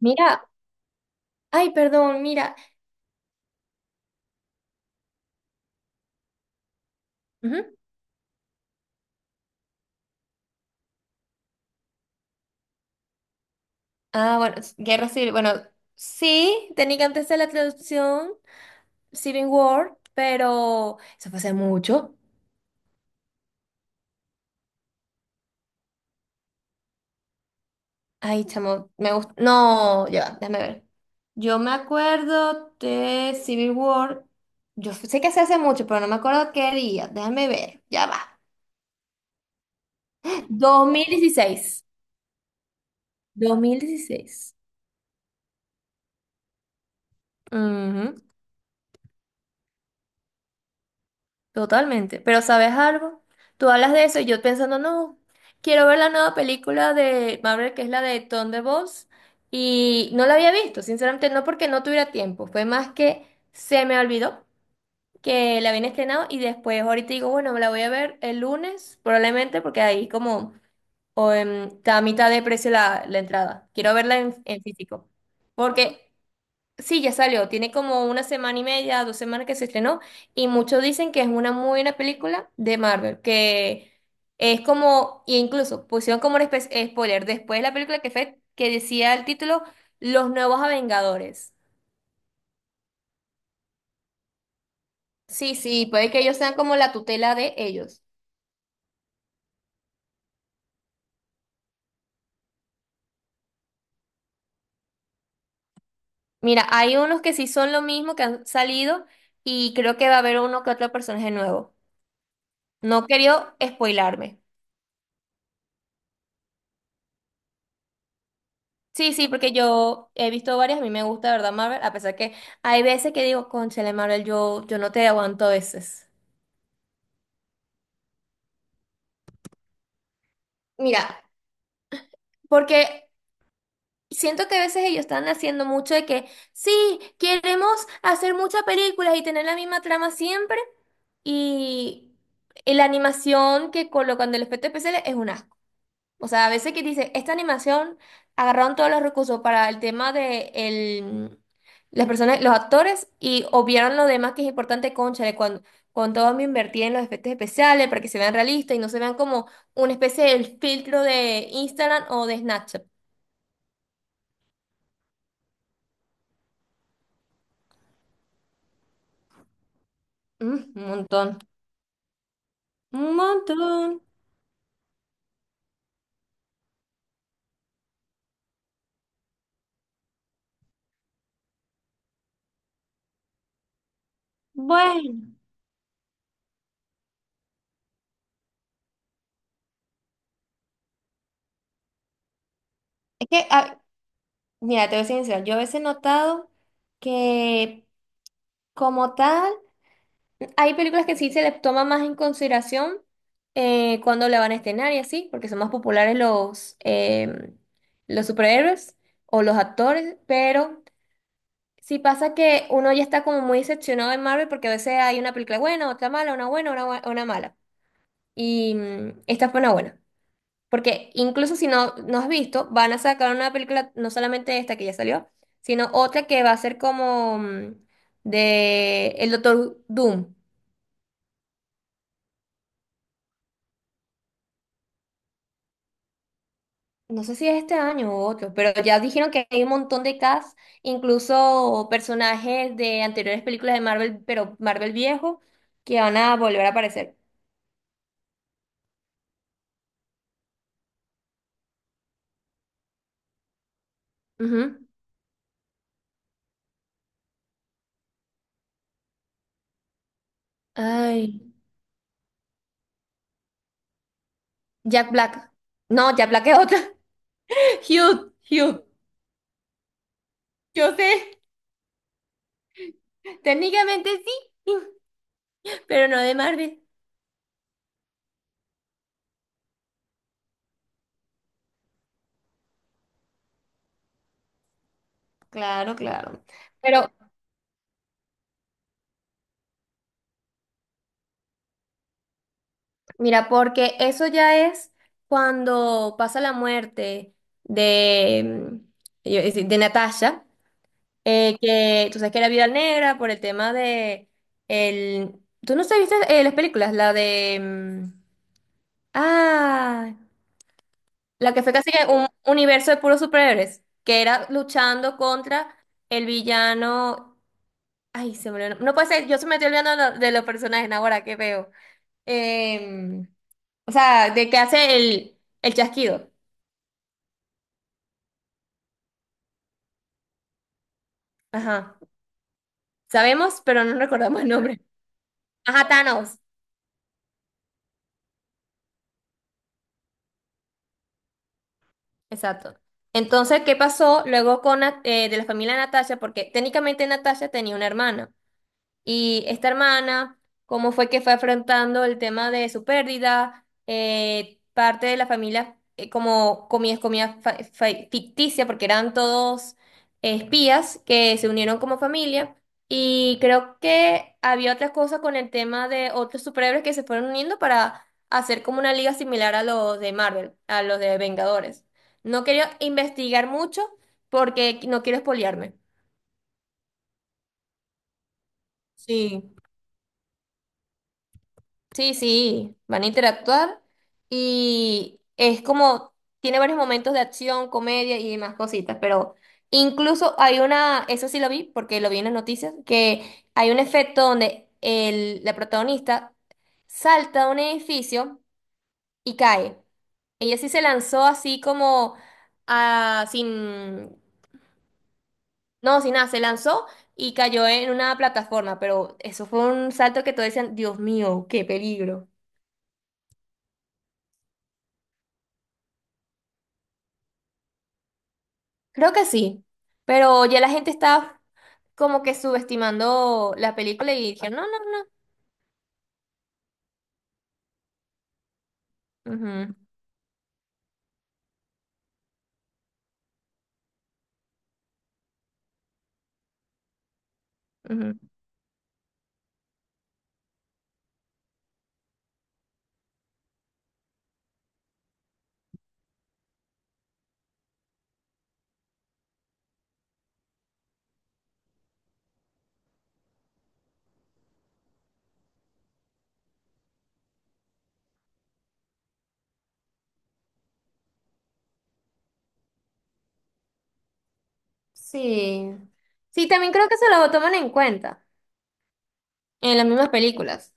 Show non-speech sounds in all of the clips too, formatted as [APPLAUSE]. Mira, Ay, perdón, mira. Ujú. Ah, bueno, Guerra Civil. Bueno, sí, tenía que antes de la traducción Civil War, pero eso fue hace mucho. Ay, chamo, me gusta. No, ya, va, déjame ver. Yo me acuerdo de Civil War. Yo sé que se hace mucho, pero no me acuerdo qué día. Déjame ver, ya va. Dos mil dieciséis, 2016. Ujú. Totalmente. Pero ¿sabes algo? Tú hablas de eso y yo pensando, no, quiero ver la nueva película de Marvel, que es la de Thunderbolts, y no la había visto, sinceramente, no porque no tuviera tiempo, fue más que se me olvidó que la habían estrenado y después ahorita digo, bueno, me la voy a ver el lunes, probablemente, porque ahí como o, está a mitad de precio la entrada. Quiero verla en físico. Porque sí, ya salió. Tiene como una semana y media, 2 semanas que se estrenó. Y muchos dicen que es una muy buena película de Marvel. Que es como, e incluso pusieron como un spoiler después de la película que fue, que decía el título, Los Nuevos Vengadores. Sí, sí, puede que ellos sean como la tutela de ellos. Mira, hay unos que sí son lo mismo, que han salido. Y creo que va a haber uno que otro personaje nuevo. No quería spoilarme. Sí, sí, porque yo he visto varias, a mí me gusta, de ¿verdad, Marvel? A pesar que hay veces que digo, cónchale, Marvel, yo no te aguanto a veces. Mira, porque siento que a veces ellos están haciendo mucho de que, sí, queremos hacer muchas películas y tener la misma trama siempre, y, y la animación que colocan del efecto especial es una. O sea, a veces que dice, esta animación agarraron todos los recursos para el tema de el, las personas, los actores y obviaron lo demás que es importante, cónchale, cuando, con todo me invertí en los efectos especiales para que se vean realistas y no se vean como una especie de filtro de Instagram o de Snapchat. Un montón, un montón. Bueno, es que, mira, te voy a ser sincera, yo a veces he notado que como tal. Hay películas que sí se les toma más en consideración, cuando la van a estrenar y así, porque son más populares los superhéroes o los actores, pero sí pasa que uno ya está como muy decepcionado de Marvel porque a veces hay una película buena, otra mala, una buena, una, una mala. Y esta fue una buena, porque incluso si no, no has visto, van a sacar una película, no solamente esta que ya salió, sino otra que va a ser como de el Doctor Doom. No sé si es este año o otro, pero ya dijeron que hay un montón de cast, incluso personajes de anteriores películas de Marvel, pero Marvel viejo, que van a volver a aparecer. Ujú. Ay, Jack Black. No, Jack Black es otro. [LAUGHS] Hugh, Hugh. Yo sé, técnicamente sí, pero no de Marvel. Claro, claro. Pero mira, porque eso ya es cuando pasa la muerte de, mm, de Natasha. Que tú sabes que era vida Negra por el tema de el. ¿Tú no sabiste las películas? La de. Ah, la que fue casi que un universo de puros superhéroes, que era luchando contra el villano. Ay, se me olvidó. No puede ser, yo se me estoy olvidando de, de los personajes ahora que veo. Em, o sea, de que hace el chasquido. Ajá. Sabemos, pero no recordamos el nombre. Ajá, Thanos. Exacto. Entonces, ¿qué pasó luego con de la familia de Natasha? Porque técnicamente Natasha tenía una hermana. Y esta hermana, cómo fue que fue afrontando el tema de su pérdida, parte de la familia, como comía ficticia, porque eran todos espías que se unieron como familia. Y creo que había otras cosas con el tema de otros superhéroes que se fueron uniendo para hacer como una liga similar a los de Marvel, a los de Vengadores. No quería investigar mucho porque no quiero espolearme. Sí. Sí, sí, van a interactuar y es como, tiene varios momentos de acción, comedia y demás cositas, pero incluso hay una, eso sí lo vi porque lo vi en las noticias, que hay un efecto donde el, la protagonista salta de un edificio y cae. Ella sí se lanzó así como a, sin, no, sin nada, se lanzó y cayó en una plataforma, pero eso fue un salto que todos decían, Dios mío, qué peligro. Creo que sí, pero ya la gente está como que subestimando la película y dijeron, no, no, no. Ujú, ujú. Sí. Sí, también creo que se lo toman en cuenta en las mismas películas.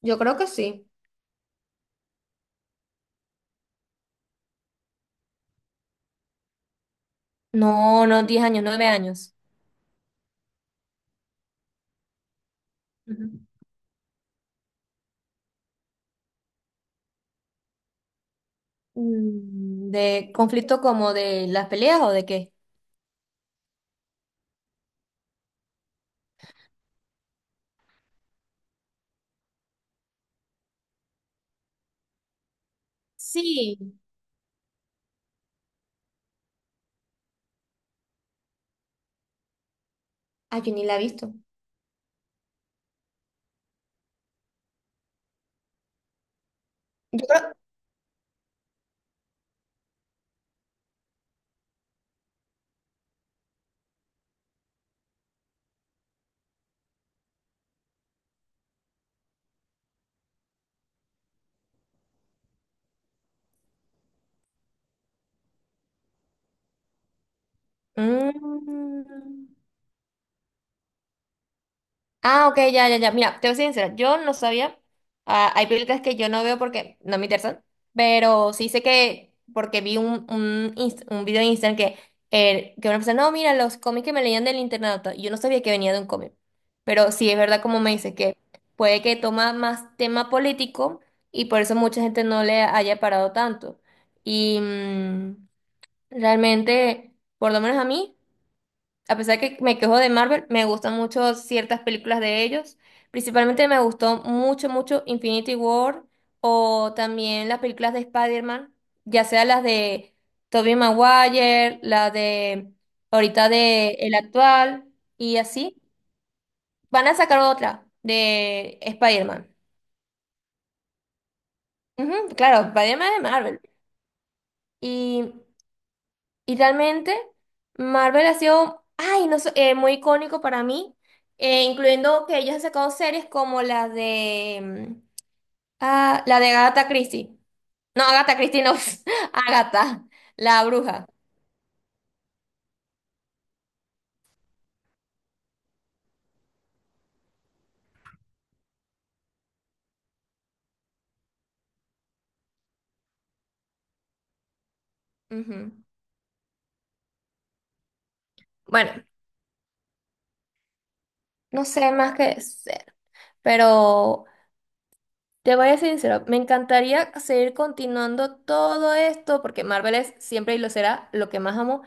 Yo creo que sí. No, no, 10 años, 9 años. Ujú. ¿De conflicto como de las peleas o de qué? Sí. Ah, yo ni la he visto. Yo creo. Mm. Ah, ok, ya, ya, ya. Mira, te voy a ser sincera, yo no sabía. Ah, hay películas que yo no veo porque no me interesan, pero sí sé que, porque vi un video en Instagram que una persona, no, mira, los cómics que me leían del internado, yo no sabía que venía de un cómic, pero sí es verdad como me dice que puede que toma más tema político y por eso mucha gente no le haya parado tanto. Y realmente, por lo menos a mí. A pesar que me quejo de Marvel, me gustan mucho ciertas películas de ellos. Principalmente me gustó mucho, mucho Infinity War o también las películas de Spider-Man, ya sea las de Tobey Maguire, la de ahorita de el actual y así. Van a sacar otra de Spider-Man. Ujú, claro, Spider-Man de Marvel. Y realmente Marvel ha sido, ay, no sé, muy icónico para mí, incluyendo que ellos han sacado series como la de Agatha Christie. No, Agatha Christie no, [LAUGHS] Agatha, la bruja. Ujú. Bueno, no sé más que decir, pero te voy a ser sincero, me encantaría seguir continuando todo esto porque Marvel es siempre y lo será lo que más amo.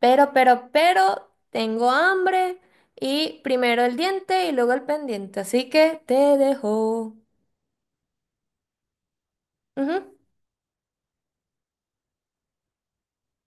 Pero, tengo hambre y primero el diente y luego el pendiente, así que te dejo. Ujú.